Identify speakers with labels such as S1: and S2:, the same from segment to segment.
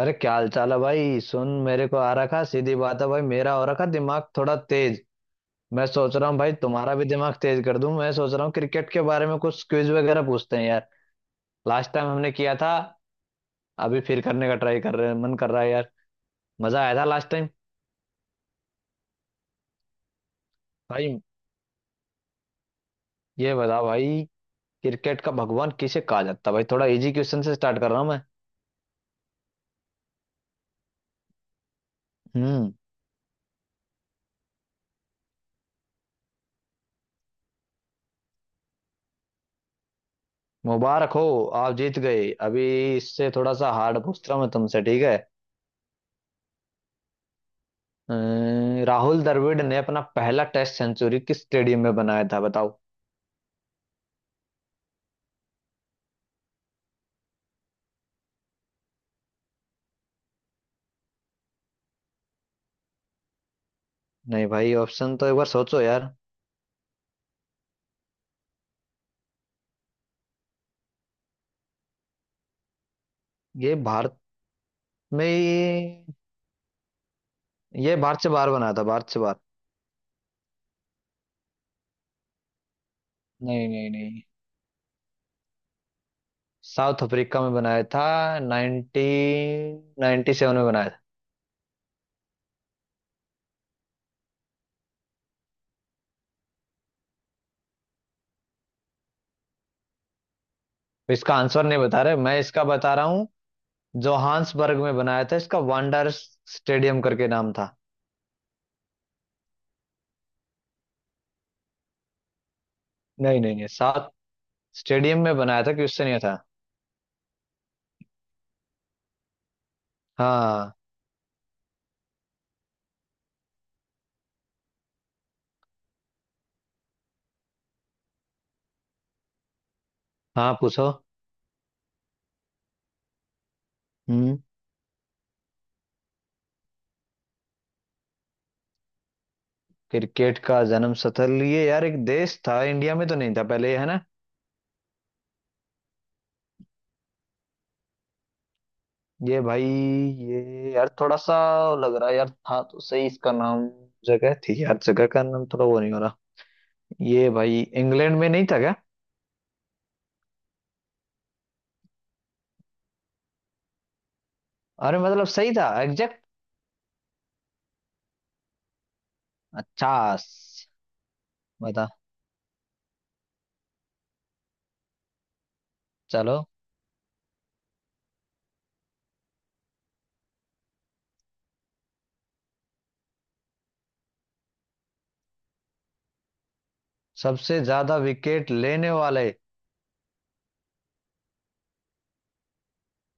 S1: अरे क्या हाल चाल है भाई। सुन मेरे को आ रखा सीधी बात है भाई, मेरा हो रखा दिमाग थोड़ा तेज। मैं सोच रहा हूँ भाई तुम्हारा भी दिमाग तेज कर दूं। मैं सोच रहा हूँ क्रिकेट के बारे में कुछ क्विज वगैरह पूछते हैं यार। लास्ट टाइम हमने किया था। अभी फिर करने का ट्राई कर रहे हैं, मन कर रहा है यार। मजा आया था लास्ट टाइम। भाई ये बताओ भाई, क्रिकेट का भगवान किसे कहा जाता है। भाई थोड़ा इजी क्वेश्चन से स्टार्ट कर रहा हूँ मैं। हम्म। मुबारक हो, आप जीत गए अभी। इससे थोड़ा सा हार्ड पूछ रहा हूँ मैं तुमसे, ठीक है। राहुल द्रविड़ ने अपना पहला टेस्ट सेंचुरी किस स्टेडियम में बनाया था, बताओ। नहीं भाई, ऑप्शन तो एक बार सोचो यार। ये भारत में ही- ये भारत से बाहर बनाया था, भारत से बाहर। नहीं नहीं नहीं साउथ अफ्रीका में बनाया था। 1997 में बनाया था। तो इसका आंसर नहीं बता रहे, मैं इसका बता रहा हूँ। जोहान्सबर्ग में बनाया था, इसका वांडर स्टेडियम करके नाम था। नहीं नहीं नहीं साउथ स्टेडियम में बनाया था, क्वेश्चन ये था। हाँ, हाँ पूछो। हम्म। क्रिकेट का जन्म स्थल, ये यार एक देश था। इंडिया में तो नहीं था पहले, है ना। ये भाई ये यार थोड़ा सा लग रहा है यार, था तो सही इसका नाम। जगह थी यार, जगह का नाम थोड़ा वो नहीं हो रहा। ये भाई इंग्लैंड में नहीं था क्या। अरे मतलब सही था एग्जैक्ट। अच्छा स- बता। चलो, सबसे ज्यादा विकेट लेने वाले,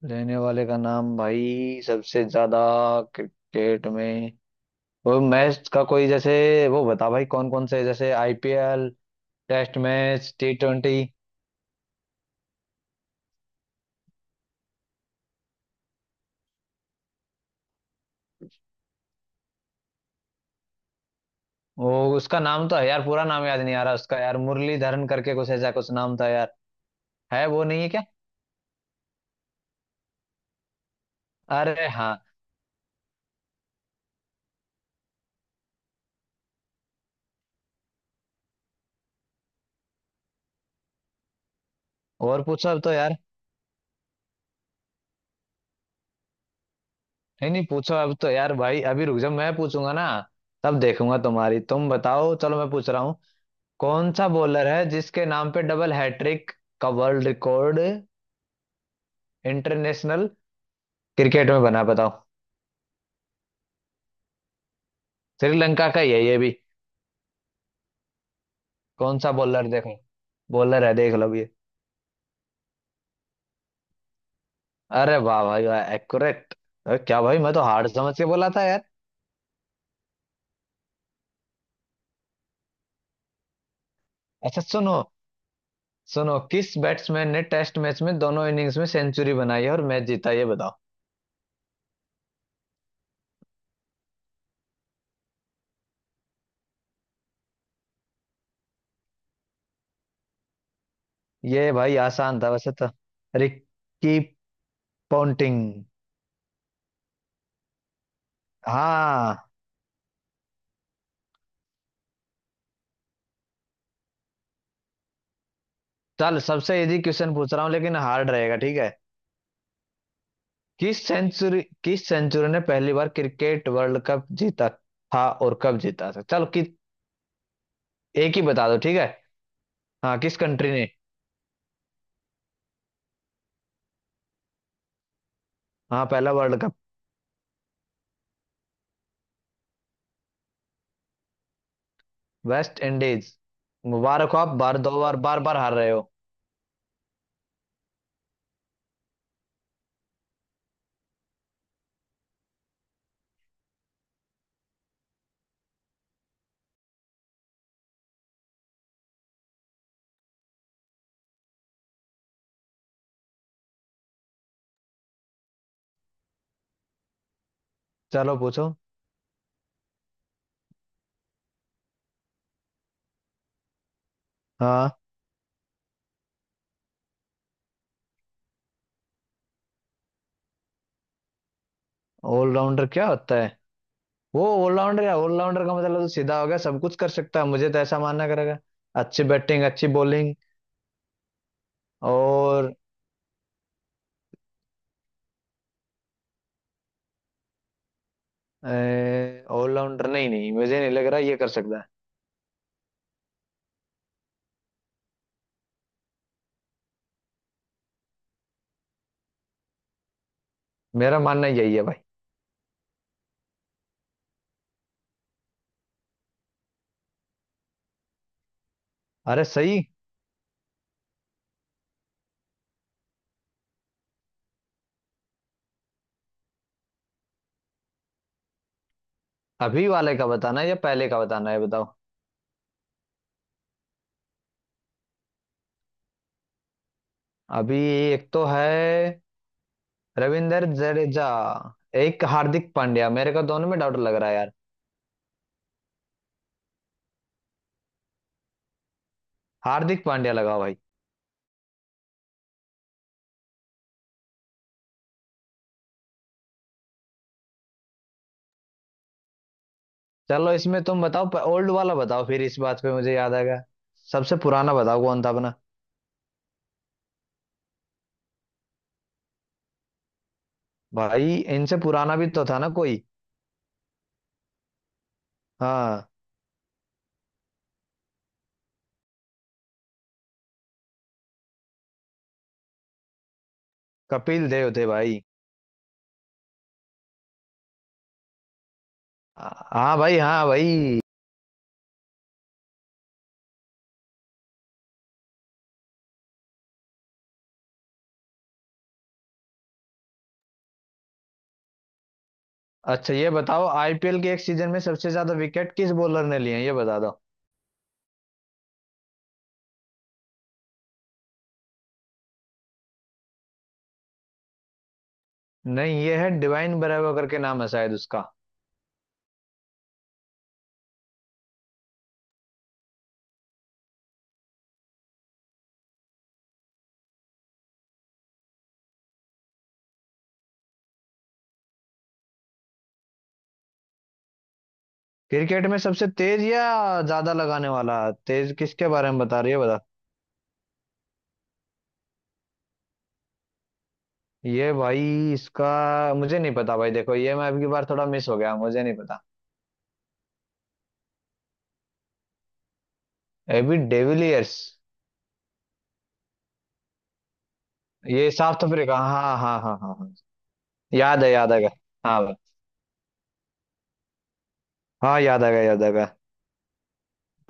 S1: लेने वाले का नाम भाई, सबसे ज्यादा क्रिकेट में। वो मैच का कोई जैसे, वो बता भाई कौन कौन से, जैसे IPL, test match, T twenty. वो उसका नाम तो है यार, पूरा नाम याद नहीं आ रहा उसका यार। मुरलीधरन करके कुछ ऐसा कुछ नाम था यार। है, वो नहीं है क्या। अरे हाँ। और पूछो अब तो यार। नहीं नहीं, पूछो अब तो यार भाई। अभी रुक जाओ, मैं पूछूंगा ना, तब देखूंगा तुम्हारी। तुम बताओ, चलो मैं पूछ रहा हूँ। कौन सा बॉलर है जिसके नाम पे डबल हैट्रिक का वर्ल्ड रिकॉर्ड इंटरनेशनल क्रिकेट में बना, बताओ। श्रीलंका का ही है ये भी। कौन सा बॉलर, देखो बॉलर है, देख लो ये। अरे वाह भाई वाह, एक्यूरेट। अरे क्या भाई, मैं तो हार्ड समझ के बोला था यार। अच्छा सुनो, सुनो, किस बैट्समैन ने टेस्ट मैच में दोनों इनिंग्स में सेंचुरी बनाई है और मैच जीता, ये बताओ। ये भाई आसान था वैसे तो। Ricky Ponting. हाँ चल, सबसे इजी क्वेश्चन पूछ रहा हूँ लेकिन हार्ड रहेगा, ठीक है। किस सेंचुरी, किस सेंचुरी ने पहली बार क्रिकेट वर्ल्ड कप जीता था और कब जीता था। चलो कि एक ही बता दो, ठीक है। हाँ, किस कंट्री ने। हाँ पहला वर्ल्ड कप। West Indies. मुबारक हो आप, बार दो बार बार बार हार रहे हो। चलो पूछो। हाँ। ऑलराउंडर क्या होता है। वो ऑलराउंडर, या ऑलराउंडर का मतलब तो सीधा हो गया, सब कुछ कर सकता है, मुझे तो ऐसा मानना करेगा। अच्छी बैटिंग, अच्छी बॉलिंग। और ऑलराउंडर, नहीं नहीं, मुझे नहीं लग रहा ये कर सकता है। मेरा मानना यही है भाई। अरे सही। अभी वाले का बताना है या पहले का बताना है, बताओ। अभी एक तो है रविंद्र जडेजा, एक हार्दिक पांड्या, मेरे को दोनों में डाउट लग रहा है यार। हार्दिक पांड्या लगाओ भाई। चलो इसमें तुम बताओ, ओल्ड वाला बताओ, फिर इस बात पे मुझे याद आ गया। सबसे पुराना बताओ कौन था अपना। भाई इनसे पुराना भी तो था ना कोई। हाँ कपिल देव थे भाई। हाँ भाई, हाँ भाई। अच्छा ये बताओ, आईपीएल के एक सीजन में सबसे ज्यादा विकेट किस बॉलर ने लिए हैं, ये बता दो। नहीं, ये है डिवाइन ब्रेवो करके नाम है शायद उसका। क्रिकेट में सबसे तेज या ज्यादा लगाने वाला, तेज किसके बारे में बता रही है, बता। ये भाई इसका मुझे नहीं पता भाई। देखो ये मैं अबकी बार थोड़ा मिस हो गया, मुझे नहीं पता। AB de Villiers. ये साउथ अफ्रीका, हाँ हाँ हाँ हाँ हाँ। याद है, याद आ गया। हाँ भाई। हाँ, याद आ गया, याद आ गया।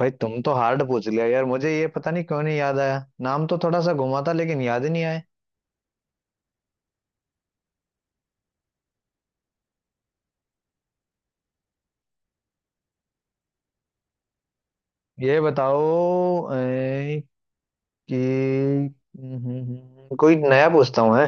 S1: भाई तुम तो हार्ड पूछ लिया यार, मुझे ये पता नहीं क्यों नहीं याद आया। नाम तो थोड़ा सा घुमा था लेकिन याद ही नहीं आए। ये बताओ ए, कि कोई नया पूछता हूँ है।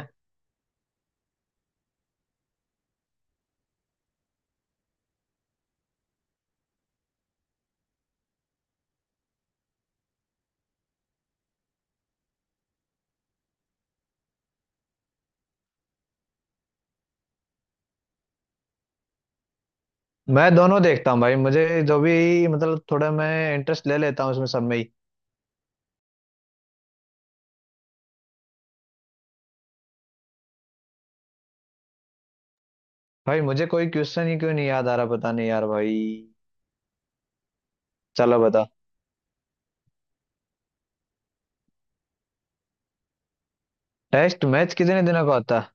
S1: मैं दोनों देखता हूँ भाई, मुझे जो भी मतलब थोड़ा मैं इंटरेस्ट ले लेता हूँ इसमें सब में ही। भाई मुझे कोई क्वेश्चन ही क्यों नहीं याद आ रहा, पता नहीं यार भाई। चलो बता। टेस्ट मैच कितने दिनों का होता है।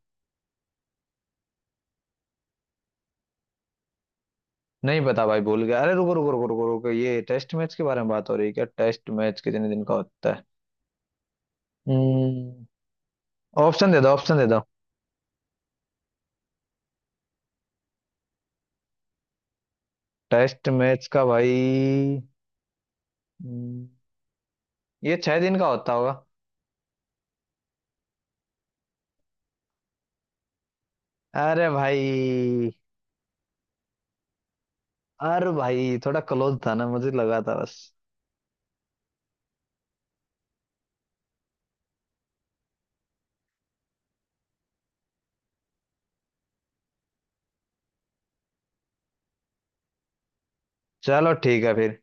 S1: नहीं पता भाई, भूल गया। अरे रुको रुको रुको रुको रुको, ये टेस्ट मैच के बारे में बात हो रही है क्या। टेस्ट मैच कितने दिन का होता है। हम्म। ऑप्शन दे दो, ऑप्शन दे दो। टेस्ट मैच का भाई, हम्म, ये छह दिन का होता होगा। अरे भाई। अरे भाई थोड़ा क्लोज था ना, मुझे लगा था बस। चलो ठीक है फिर।